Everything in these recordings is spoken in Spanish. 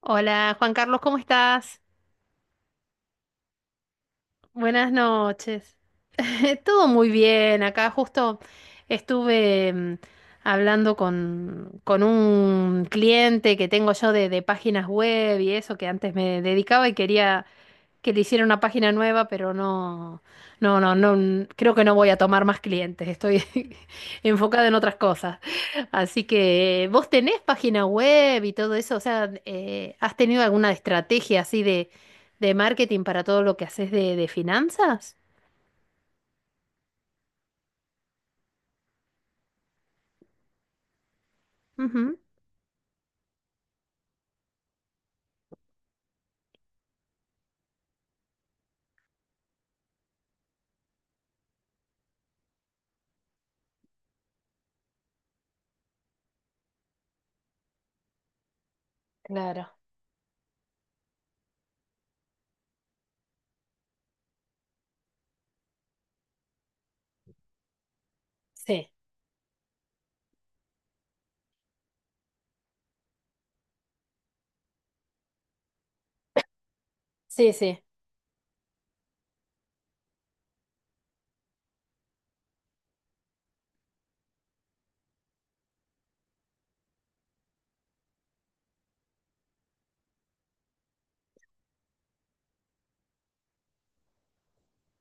Hola, Juan Carlos, ¿cómo estás? Buenas noches. Todo muy bien. Acá justo estuve hablando con un cliente que tengo yo de páginas web y eso que antes me dedicaba y quería que le hicieron una página nueva, pero creo que no voy a tomar más clientes, estoy enfocada en otras cosas. Así que vos tenés página web y todo eso, o sea, ¿has tenido alguna estrategia así de marketing para todo lo que haces de finanzas? Ujú. Claro, sí, sí, sí.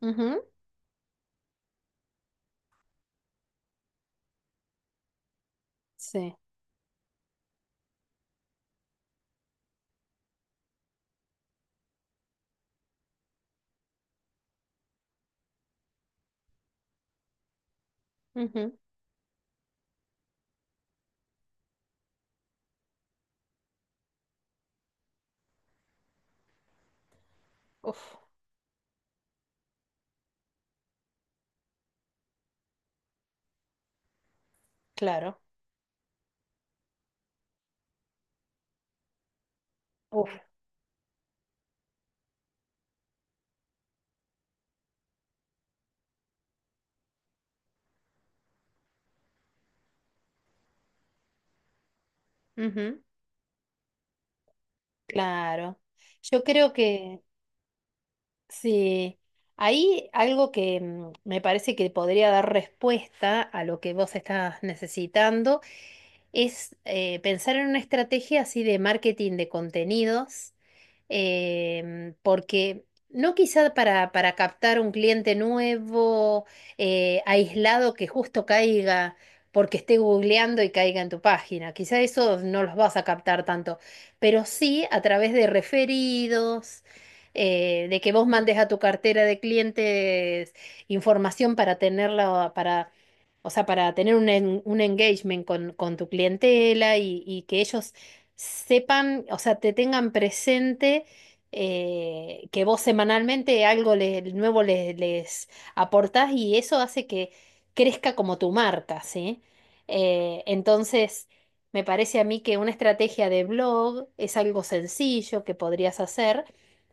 Ujú. Sí. Ujú. Uf, claro. Uf. Ujú. Claro. Yo creo que sí, ahí algo que me parece que podría dar respuesta a lo que vos estás necesitando es pensar en una estrategia así de marketing de contenidos, porque no quizá para captar un cliente nuevo, aislado, que justo caiga porque esté googleando y caiga en tu página. Quizá eso no los vas a captar tanto, pero sí a través de referidos, de que vos mandes a tu cartera de clientes información para tenerla, para, o sea, para tener un, un engagement con tu clientela y que ellos sepan, o sea, te tengan presente, que vos semanalmente nuevo les aportás y eso hace que crezca como tu marca, ¿sí? Entonces, me parece a mí que una estrategia de blog es algo sencillo que podrías hacer,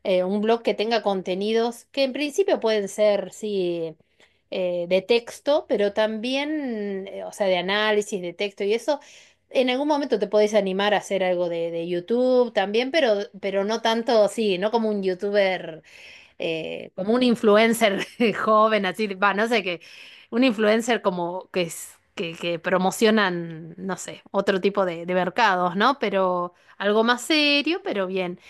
un blog que tenga contenidos que en principio pueden ser, sí, de texto, pero también, o sea, de análisis de texto y eso. En algún momento te podés animar a hacer algo de YouTube también, pero no tanto, sí, no como un YouTuber, como un influencer joven, así, va, no sé qué, un influencer como que es, que promocionan, no sé, otro tipo de mercados, ¿no? Pero algo más serio, pero bien.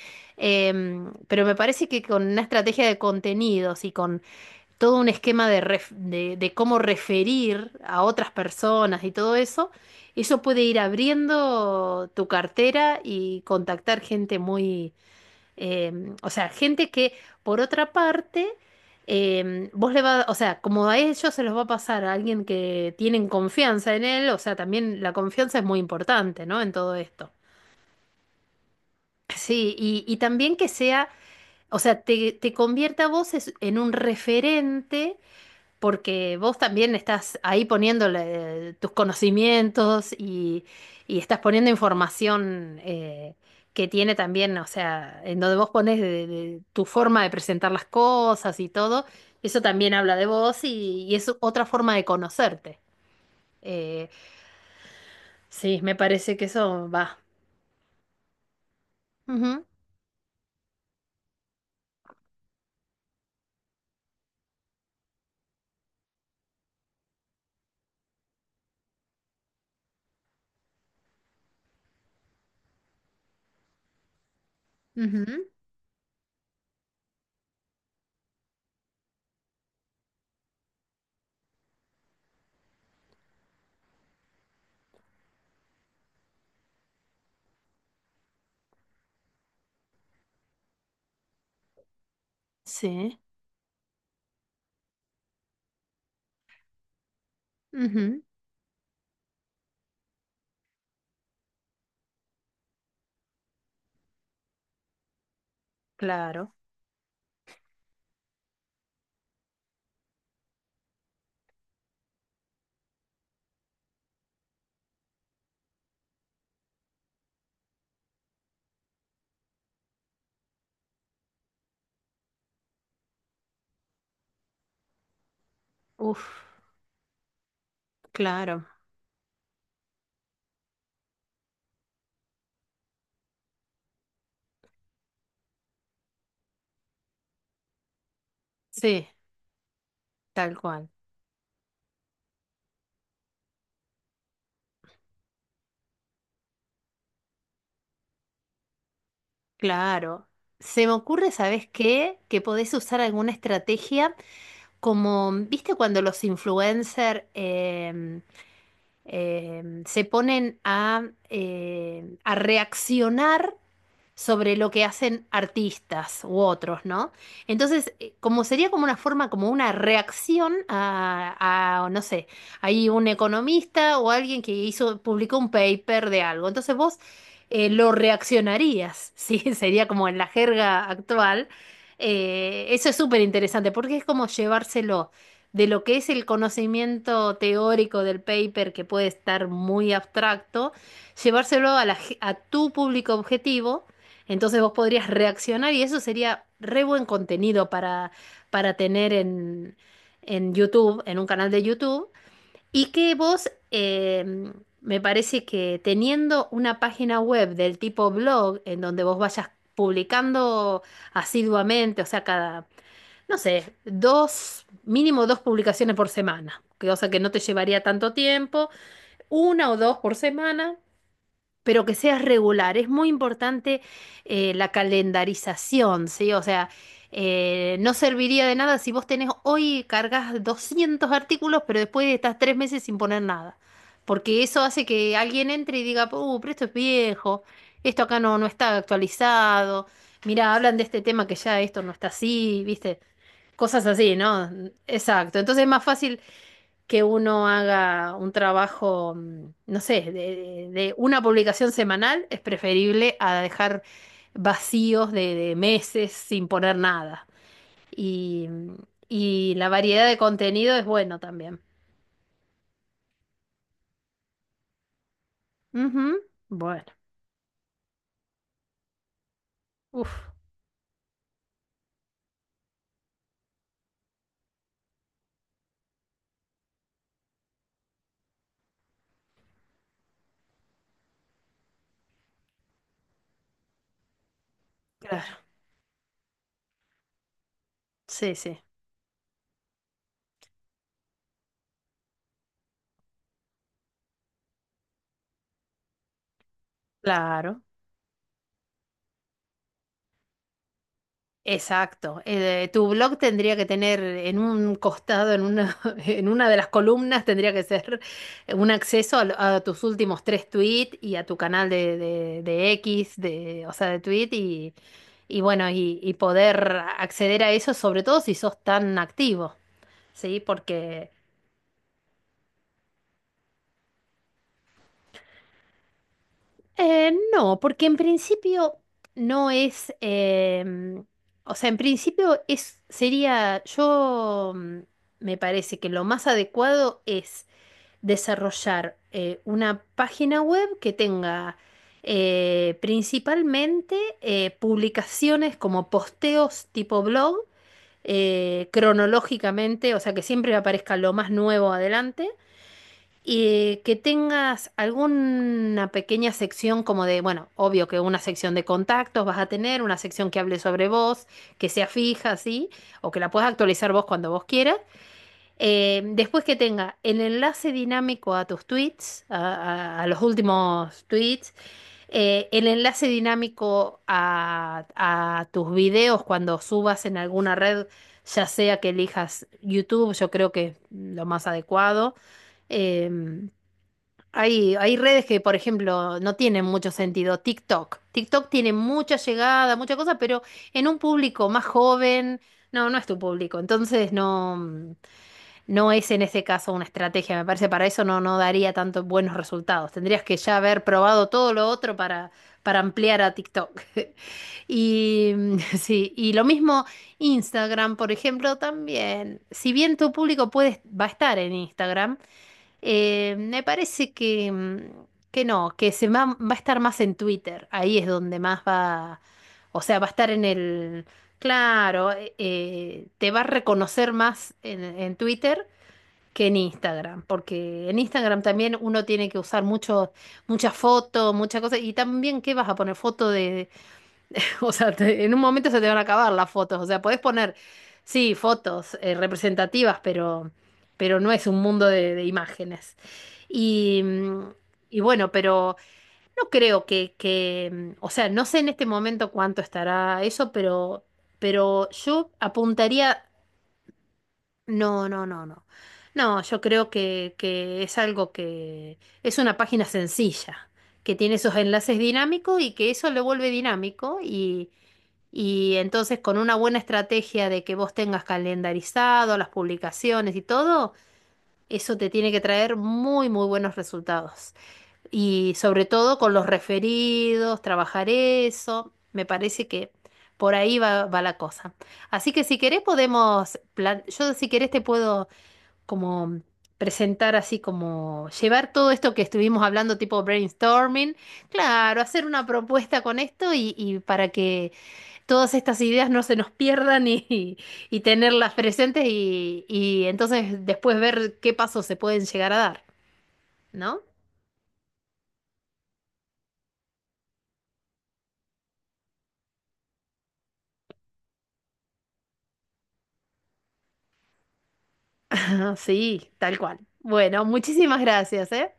Pero me parece que con una estrategia de contenidos y con todo un esquema de, de cómo referir a otras personas y todo eso, eso puede ir abriendo tu cartera y contactar gente muy, o sea, gente que, por otra parte, vos le va, o sea, como a ellos se los va a pasar a alguien que tienen confianza en él, o sea, también la confianza es muy importante, ¿no? En todo esto. Sí, y también que sea, o sea, te convierta a vos en un referente porque vos también estás ahí poniéndole tus conocimientos y estás poniendo información, que tiene también, o sea, en donde vos pones de tu forma de presentar las cosas y todo, eso también habla de vos y es otra forma de conocerte. Eh, sí, me parece que eso va. Ujú, ujú, sí, ujú, claro, uf, claro, sí, tal cual. Claro. Se me ocurre, ¿sabes qué? Que podés usar alguna estrategia como, ¿viste cuando los influencers se ponen a reaccionar sobre lo que hacen artistas u otros, ¿no? Entonces, como sería como una forma, como una reacción a, no sé, hay un economista o alguien que hizo, publicó un paper de algo. Entonces vos, lo reaccionarías, ¿sí? Sería como en la jerga actual. Eso es súper interesante porque es como llevárselo de lo que es el conocimiento teórico del paper que puede estar muy abstracto, llevárselo a, a tu público objetivo, entonces vos podrías reaccionar y eso sería re buen contenido para tener en YouTube, en un canal de YouTube. Y que vos, me parece que teniendo una página web del tipo blog, en donde vos vayas publicando asiduamente, o sea, cada, no sé, dos, mínimo dos publicaciones por semana, que, o sea, que no te llevaría tanto tiempo, una o dos por semana, pero que seas regular. Es muy importante la calendarización, ¿sí? O sea, no serviría de nada si vos tenés hoy cargas 200 artículos, pero después estás tres meses sin poner nada. Porque eso hace que alguien entre y diga, pero esto es viejo, esto acá no, no está actualizado, mirá, hablan de este tema que ya esto no está así, ¿viste? Cosas así, ¿no? Exacto. Entonces es más fácil que uno haga un trabajo, no sé, de, de una publicación semanal es preferible a dejar vacíos de meses sin poner nada. Y, y la variedad de contenido es bueno también. Ujú, bueno, uff, claro, sí, sí, claro. Exacto. Tu blog tendría que tener en un costado, en una, en una de las columnas, tendría que ser un acceso a, a tus últimos tres tweets y a tu canal de X, de, o sea, de tweet y bueno, y poder acceder a eso, sobre todo si sos tan activo, ¿sí? Porque no, porque en principio no es, o sea, en principio es, sería, yo, me parece que lo más adecuado es desarrollar una página web que tenga principalmente publicaciones como posteos tipo blog, cronológicamente, o sea, que siempre aparezca lo más nuevo adelante, que tengas alguna pequeña sección como de, bueno, obvio que una sección de contactos vas a tener, una sección que hable sobre vos, que sea fija, ¿sí? O que la puedas actualizar vos cuando vos quieras. Después que tenga el enlace dinámico a tus tweets, a, a los últimos tweets, el enlace dinámico a tus videos cuando subas en alguna red, ya sea que elijas YouTube, yo creo que es lo más adecuado. Em, Hay, hay redes que, por ejemplo, no tienen mucho sentido. TikTok. TikTok tiene mucha llegada, mucha cosa, pero en un público más joven, no, no es tu público. Entonces no, no es en ese caso una estrategia. Me parece para eso no, no daría tantos buenos resultados. Tendrías que ya haber probado todo lo otro para ampliar a TikTok. Y sí, y lo mismo Instagram, por ejemplo, también. Si bien tu público puede, va a estar en Instagram. Me parece que, que no, que se va, va a estar más en Twitter. Ahí es donde más va, o sea, va a estar en el, claro, te va a reconocer más en Twitter que en Instagram, porque en Instagram también uno tiene que usar mucho, mucha foto, mucha cosa, y también, ¿qué vas a poner? Foto de, o sea, en un momento se te van a acabar las fotos. O sea, podés poner, sí, fotos representativas, pero no es un mundo de imágenes. Y, y bueno, pero no creo que, o sea, no sé en este momento cuánto estará eso, pero yo apuntaría, no, no, no, no. No, yo creo que es algo que es una página sencilla, que tiene esos enlaces dinámicos y que eso lo vuelve dinámico y... Y entonces con una buena estrategia de que vos tengas calendarizado las publicaciones y todo, eso te tiene que traer muy, muy buenos resultados. Y sobre todo con los referidos, trabajar eso, me parece que por ahí va, va la cosa. Así que si querés podemos, yo si querés te puedo como presentar, así como llevar todo esto que estuvimos hablando tipo brainstorming, claro, hacer una propuesta con esto y para que todas estas ideas no se nos pierdan y tenerlas presentes y entonces después ver qué pasos se pueden llegar a dar, ¿no? Sí, tal cual. Bueno, muchísimas gracias, ¿eh?